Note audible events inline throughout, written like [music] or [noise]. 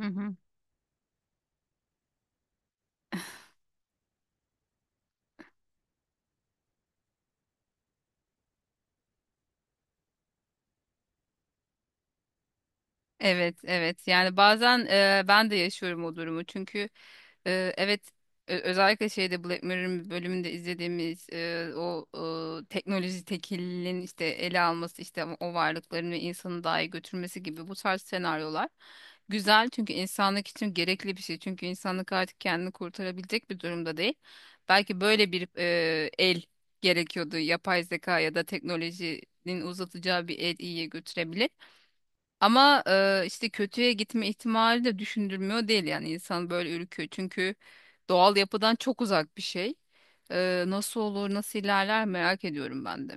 Hı hı. Evet, evet. Yani bazen ben de yaşıyorum o durumu. Çünkü e, evet özellikle şeyde Black Mirror'ın bir bölümünde izlediğimiz teknoloji tekilinin işte ele alması işte o varlıkların ve insanı dahi götürmesi gibi bu tarz senaryolar güzel çünkü insanlık için gerekli bir şey. Çünkü insanlık artık kendini kurtarabilecek bir durumda değil. Belki böyle bir el gerekiyordu. Yapay zeka ya da teknolojinin uzatacağı bir el iyiye götürebilir. Ama işte kötüye gitme ihtimali de düşündürmüyor değil, yani insan böyle ürküyor çünkü doğal yapıdan çok uzak bir şey. Nasıl olur, nasıl ilerler merak ediyorum ben de.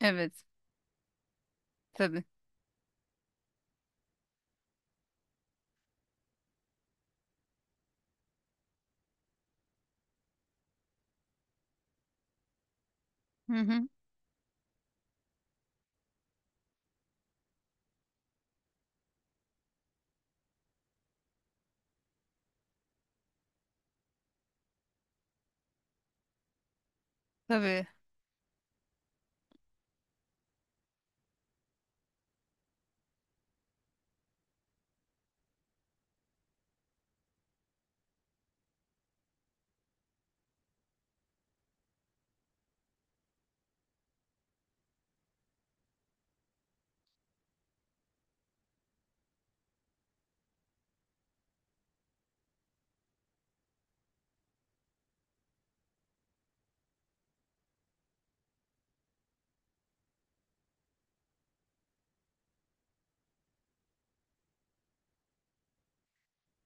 Evet, tabii. Hı hı, tabii.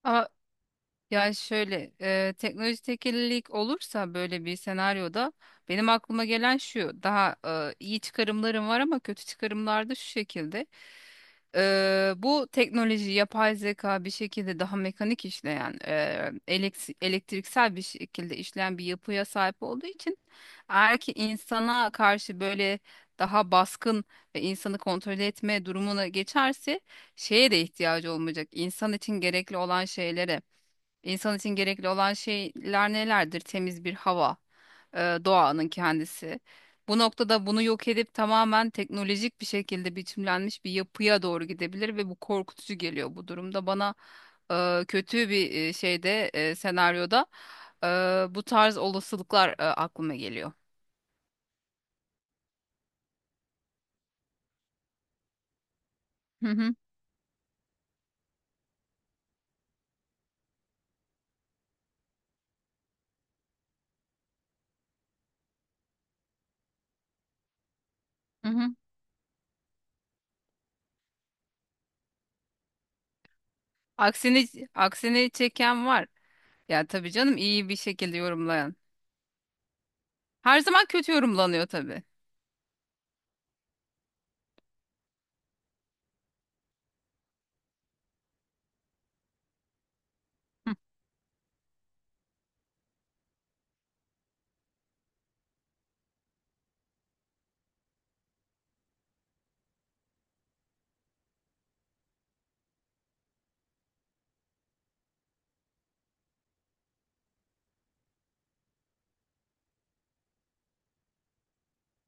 Ama ya şöyle, teknoloji tekillik olursa böyle bir senaryoda benim aklıma gelen şu, daha iyi çıkarımlarım var ama kötü çıkarımlar da şu şekilde. Bu teknoloji, yapay zeka bir şekilde daha mekanik işleyen, elektriksel bir şekilde işleyen bir yapıya sahip olduğu için, eğer ki insana karşı böyle daha baskın ve insanı kontrol etme durumuna geçerse, şeye de ihtiyacı olmayacak. İnsan için gerekli olan şeylere. İnsan için gerekli olan şeyler nelerdir? Temiz bir hava, e, doğanın kendisi. Bu noktada bunu yok edip tamamen teknolojik bir şekilde biçimlenmiş bir yapıya doğru gidebilir ve bu korkutucu geliyor bu durumda. Bana kötü bir senaryoda e, bu tarz olasılıklar aklıma geliyor. Hı hı, hı hı. Aksini aksini çeken var. Ya tabii canım, iyi bir şekilde yorumlayan. Her zaman kötü yorumlanıyor tabii. Hı,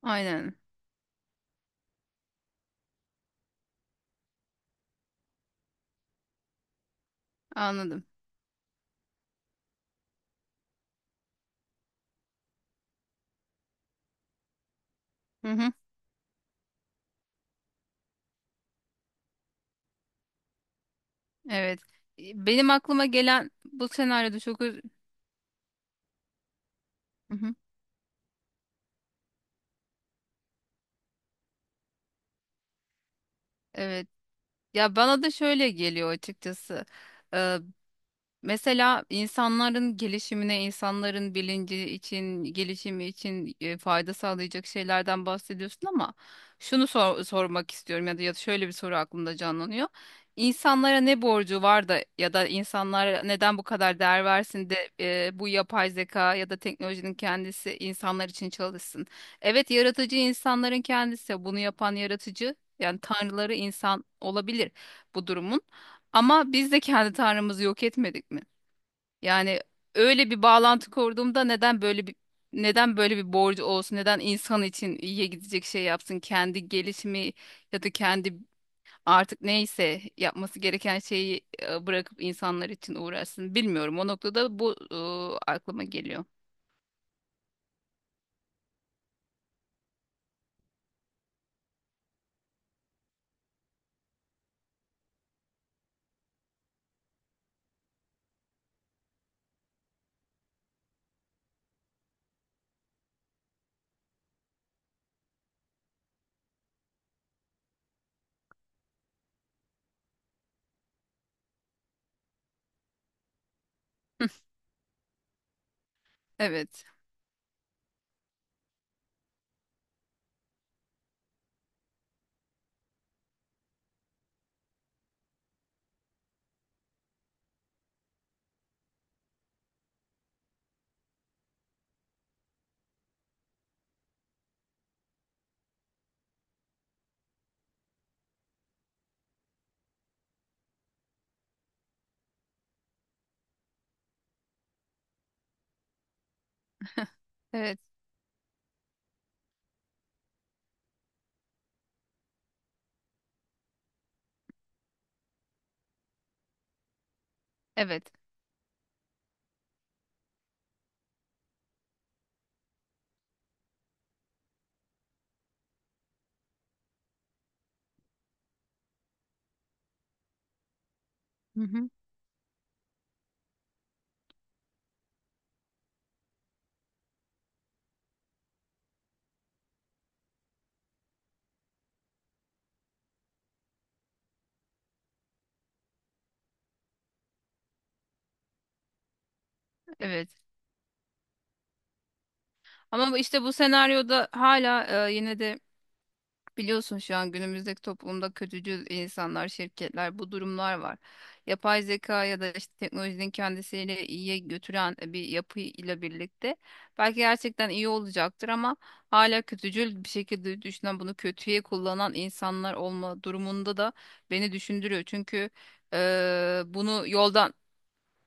aynen. Anladım. Hı hı. Evet. Benim aklıma gelen bu senaryoda çok öz- Hı hı. Evet. Ya bana da şöyle geliyor açıkçası. Mesela insanların gelişimine, insanların bilinci için, gelişimi için fayda sağlayacak şeylerden bahsediyorsun ama şunu sor- sormak istiyorum, ya da, ya da şöyle bir soru aklımda canlanıyor. İnsanlara ne borcu var, da ya da insanlara neden bu kadar değer versin de bu yapay zeka ya da teknolojinin kendisi insanlar için çalışsın. Evet, yaratıcı insanların kendisi bunu yapan yaratıcı, yani tanrıları insan olabilir bu durumun, ama biz de kendi tanrımızı yok etmedik mi? Yani öyle bir bağlantı kurduğumda neden böyle bir borcu olsun? Neden insan için iyiye gidecek şey yapsın? Kendi gelişimi ya da kendi artık neyse yapması gereken şeyi bırakıp insanlar için uğraşsın. Bilmiyorum. O noktada bu aklıma geliyor. Hı, evet. Evet. Evet. Hı hı. Evet. Ama bu- işte bu senaryoda hala yine de biliyorsun şu an günümüzdeki toplumda kötücül insanlar, şirketler, bu durumlar var. Yapay zeka ya da işte teknolojinin kendisiyle iyiye götüren bir yapıyla birlikte belki gerçekten iyi olacaktır ama hala kötücül bir şekilde düşünen, bunu kötüye kullanan insanlar olma durumunda da beni düşündürüyor. Çünkü bunu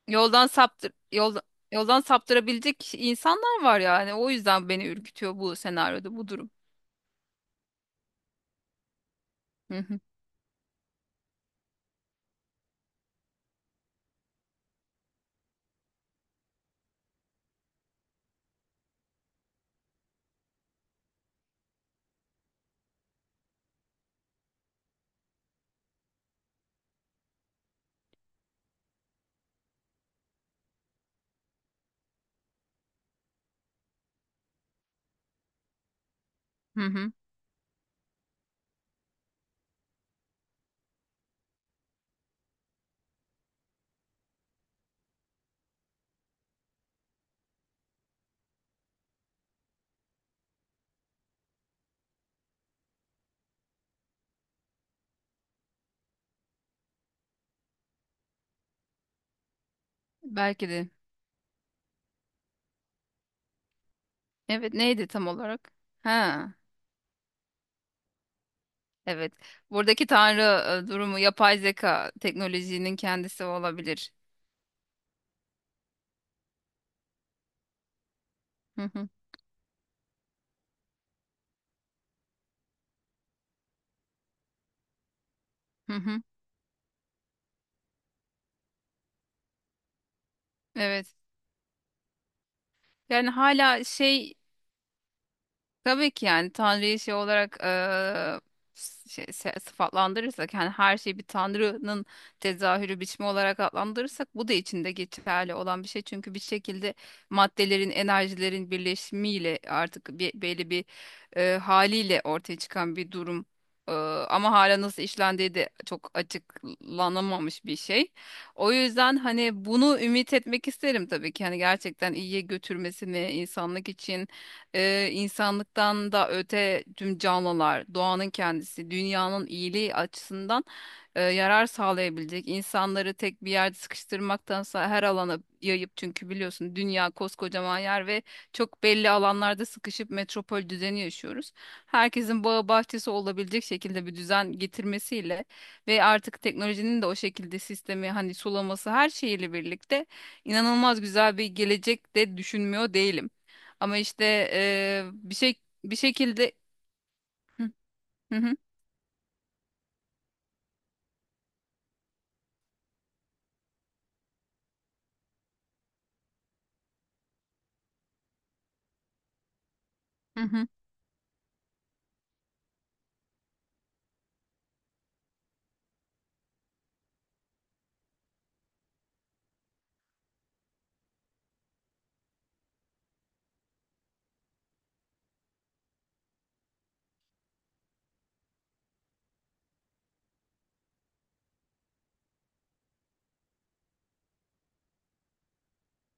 yoldan saptır yoldan yoldan saptırabilecek insanlar var yani. O yüzden beni ürkütüyor bu senaryoda bu durum. Hı hı. Hı hı. Belki de. Evet, neydi tam olarak? Ha, evet. Buradaki tanrı durumu yapay zeka, teknolojinin kendisi olabilir. Hı hı, hı hı. Evet. Yani hala şey, tabii ki yani Tanrı'yı şey olarak, sıfatlandırırsak, yani her şeyi bir Tanrı'nın tezahürü biçimi olarak adlandırırsak, bu da içinde geçerli olan bir şey. Çünkü bir şekilde maddelerin, enerjilerin birleşimiyle artık bir, belli bir haliyle ortaya çıkan bir durum. Eee, Ama hala nasıl işlendiği de çok açıklanamamış bir şey. O yüzden hani bunu ümit etmek isterim tabii ki. Hani gerçekten iyiye götürmesini insanlık için, insanlıktan da öte tüm canlılar, doğanın kendisi, dünyanın iyiliği açısından yarar sağlayabilecek. İnsanları tek bir yerde sıkıştırmaktansa her alana yayıp, çünkü biliyorsun dünya koskocaman yer ve çok belli alanlarda sıkışıp metropol düzeni yaşıyoruz. Herkesin bağı bahçesi olabilecek şekilde bir düzen getirmesiyle ve artık teknolojinin de o şekilde sistemi hani sulaması her şeyiyle birlikte inanılmaz güzel bir gelecek de düşünmüyor değilim. Ama işte bir şey bir şekilde hı, hı hı, hı hı.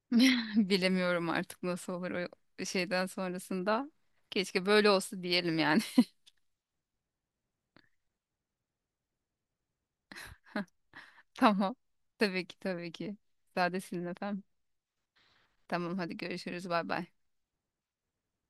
[laughs] Bilemiyorum artık nasıl olur o şeyden sonrasında. Keşke böyle olsa diyelim yani. [laughs] Tamam. Tabii ki, tabii ki. Müsaadesin efendim. Tamam, hadi görüşürüz. Bay bay.